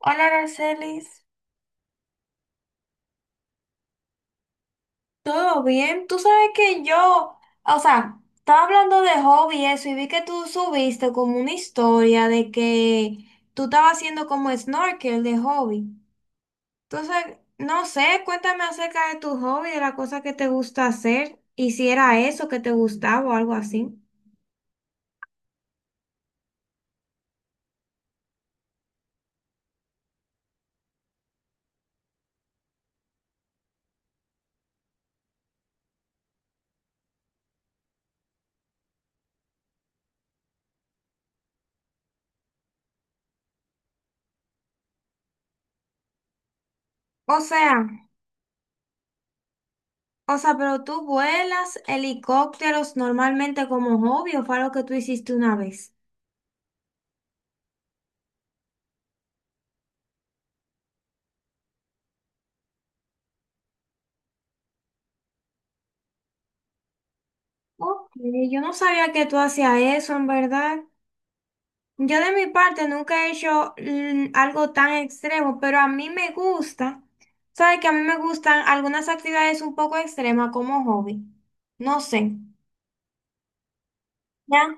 Hola, Aracelis. ¿Todo bien? Tú sabes que yo, o sea, estaba hablando de hobby y eso, y vi que tú subiste como una historia de que tú estabas haciendo como snorkel de hobby. Entonces, no sé, cuéntame acerca de tu hobby, de la cosa que te gusta hacer, y si era eso que te gustaba o algo así. O sea, o sea, pero tú vuelas helicópteros normalmente como hobby o fue algo que tú hiciste una vez. Ok, yo no sabía que tú hacías eso, en verdad. Yo de mi parte nunca he hecho algo tan extremo, pero a mí me gusta, ¿sabes? Que a mí me gustan algunas actividades un poco extremas como hobby. No sé. ¿Ya?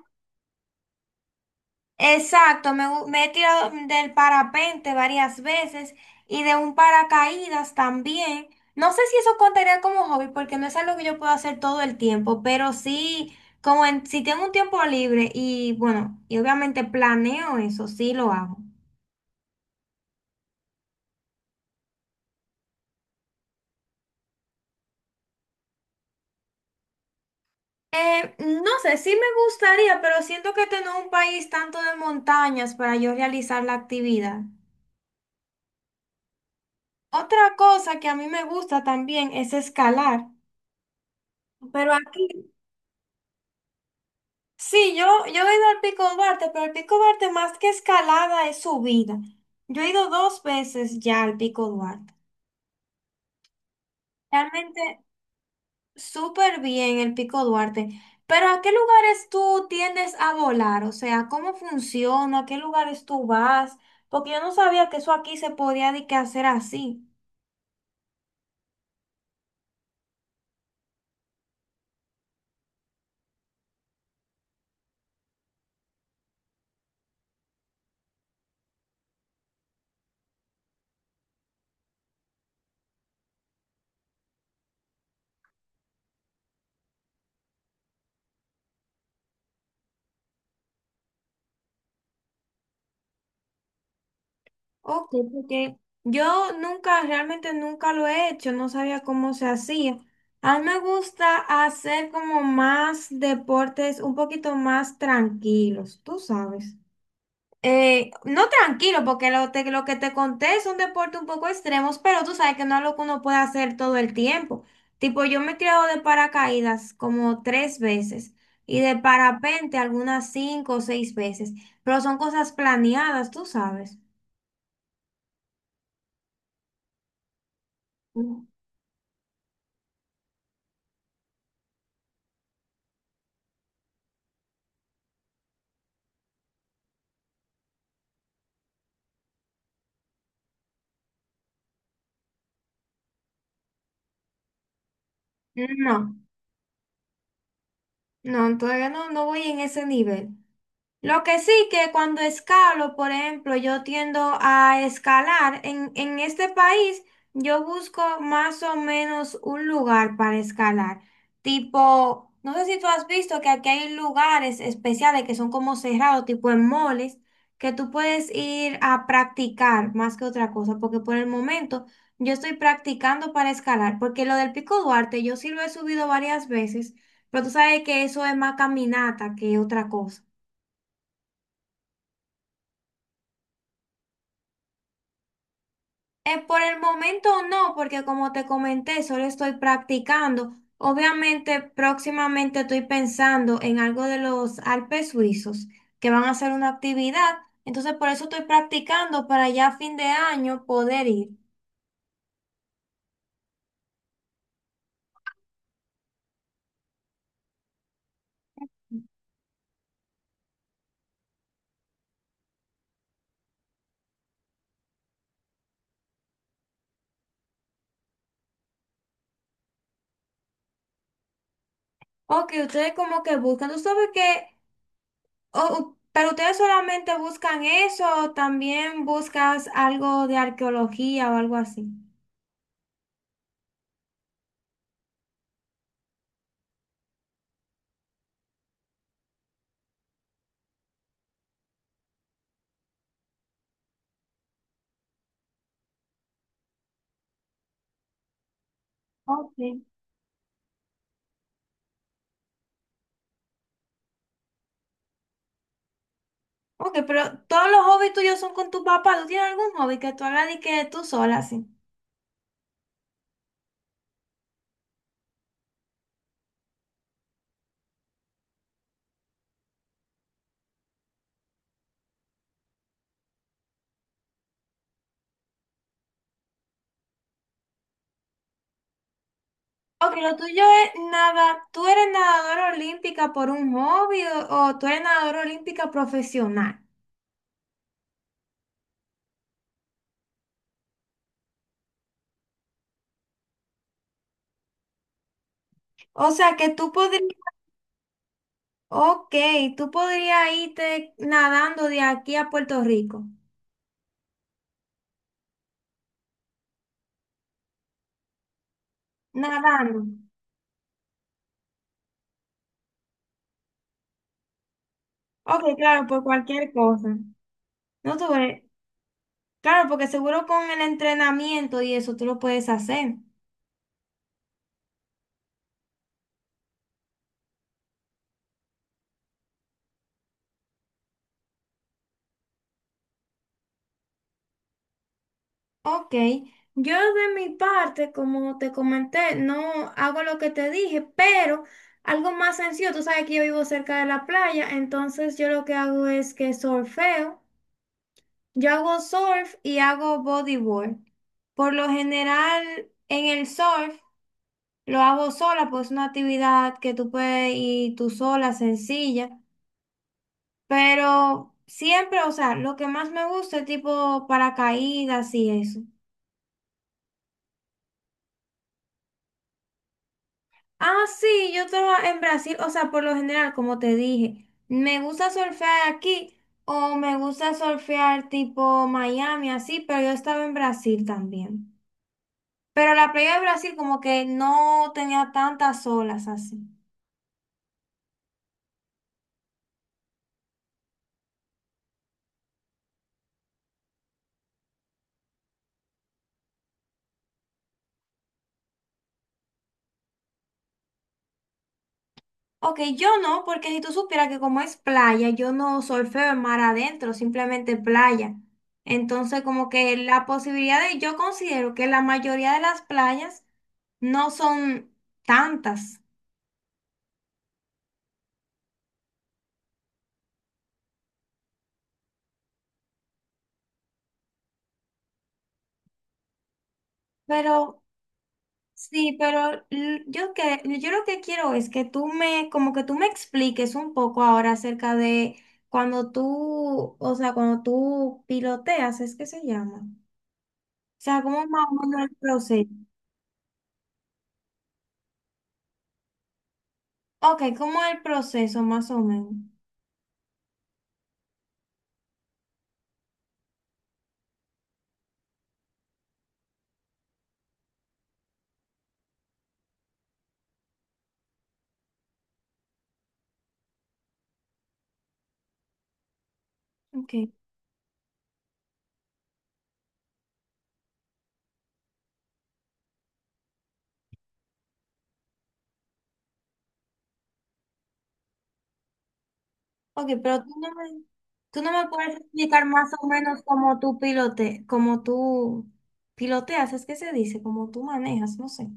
Exacto, me he tirado del parapente varias veces y de un paracaídas también. No sé si eso contaría como hobby porque no es algo que yo puedo hacer todo el tiempo, pero sí, si tengo un tiempo libre y bueno, y obviamente planeo eso, sí lo hago. No sé, sí me gustaría, pero siento que tengo un país tanto de montañas para yo realizar la actividad. Otra cosa que a mí me gusta también es escalar. Pero aquí, sí, yo he ido al Pico Duarte, pero el Pico Duarte más que escalada es subida. Yo he ido dos veces ya al Pico Duarte. Realmente, súper bien el Pico Duarte, pero ¿a qué lugares tú tiendes a volar? O sea, ¿cómo funciona? ¿A qué lugares tú vas? Porque yo no sabía que eso aquí se podía de que hacer así. Ok, porque yo nunca, realmente nunca lo he hecho, no sabía cómo se hacía. A mí me gusta hacer como más deportes un poquito más tranquilos, tú sabes. No tranquilo, porque lo que te conté son deportes un poco extremos, pero tú sabes que no es lo que uno puede hacer todo el tiempo. Tipo, yo me he tirado de paracaídas como tres veces y de parapente algunas cinco o seis veces, pero son cosas planeadas, tú sabes. Mm. No, no, todavía no, no voy en ese nivel. Lo que sí que cuando escalo, por ejemplo, yo tiendo a escalar. En este país yo busco más o menos un lugar para escalar. Tipo, no sé si tú has visto que aquí hay lugares especiales que son como cerrados, tipo en moles, que tú puedes ir a practicar más que otra cosa, porque por el momento yo estoy practicando para escalar, porque lo del Pico Duarte yo sí lo he subido varias veces, pero tú sabes que eso es más caminata que otra cosa. Por el momento no, porque como te comenté, solo estoy practicando. Obviamente, próximamente estoy pensando en algo de los Alpes suizos, que van a hacer una actividad. Entonces, por eso estoy practicando para ya a fin de año poder ir. Ok, ustedes como que buscan, tú sabes que, pero ustedes solamente buscan eso o también buscas algo de arqueología o algo así. Ok. Ok, pero todos los hobbies tuyos son con tu papá. ¿Tú tienes algún hobby que tú hagas y que tú sola, sí? Ok, lo tuyo es nada. ¿Tú eres nadadora olímpica por un hobby o tú eres nadadora olímpica profesional? O sea, que tú podrías, ok, tú podrías irte nadando de aquí a Puerto Rico. Nadando. Ok, claro, por cualquier cosa. No tú eres- Claro, porque seguro con el entrenamiento y eso tú lo puedes hacer. Ok, yo de mi parte, como te comenté, no hago lo que te dije, pero algo más sencillo, tú sabes que yo vivo cerca de la playa, entonces yo lo que hago es que surfeo, yo hago surf y hago bodyboard. Por lo general, en el surf lo hago sola, pues es una actividad que tú puedes ir tú sola, sencilla, pero siempre, o sea, lo que más me gusta es tipo paracaídas y eso. Ah, sí, yo estaba en Brasil, o sea, por lo general, como te dije, me gusta surfear aquí o me gusta surfear tipo Miami, así, pero yo estaba en Brasil también. Pero la playa de Brasil como que no tenía tantas olas así. Ok, yo no, porque si tú supieras que como es playa, yo no surfeo en mar adentro, simplemente playa. Entonces como que la posibilidad de, yo considero que la mayoría de las playas no son tantas. Pero sí, pero yo que yo lo que quiero es que tú me como que tú me expliques un poco ahora acerca de cuando tú, o sea, cuando tú piloteas, es que se llama. O sea, cómo más o menos el proceso. Ok, como el proceso más o menos. Ok. Ok, pero tú no me puedes explicar más o menos cómo tú pilote, cómo tú piloteas, es que se dice, cómo tú manejas, no sé.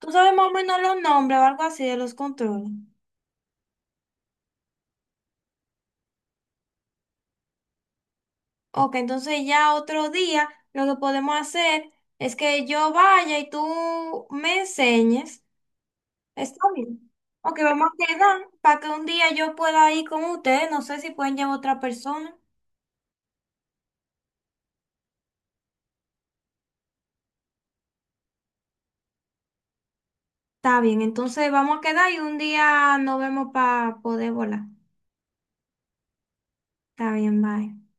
Tú sabes más o menos los nombres o algo así de los controles. Ok, entonces ya otro día lo que podemos hacer es que yo vaya y tú me enseñes. Está bien. Ok, vamos a quedar para que un día yo pueda ir con ustedes. No sé si pueden llevar otra persona. Está bien, entonces vamos a quedar y un día nos vemos para poder volar. Está bien, bye.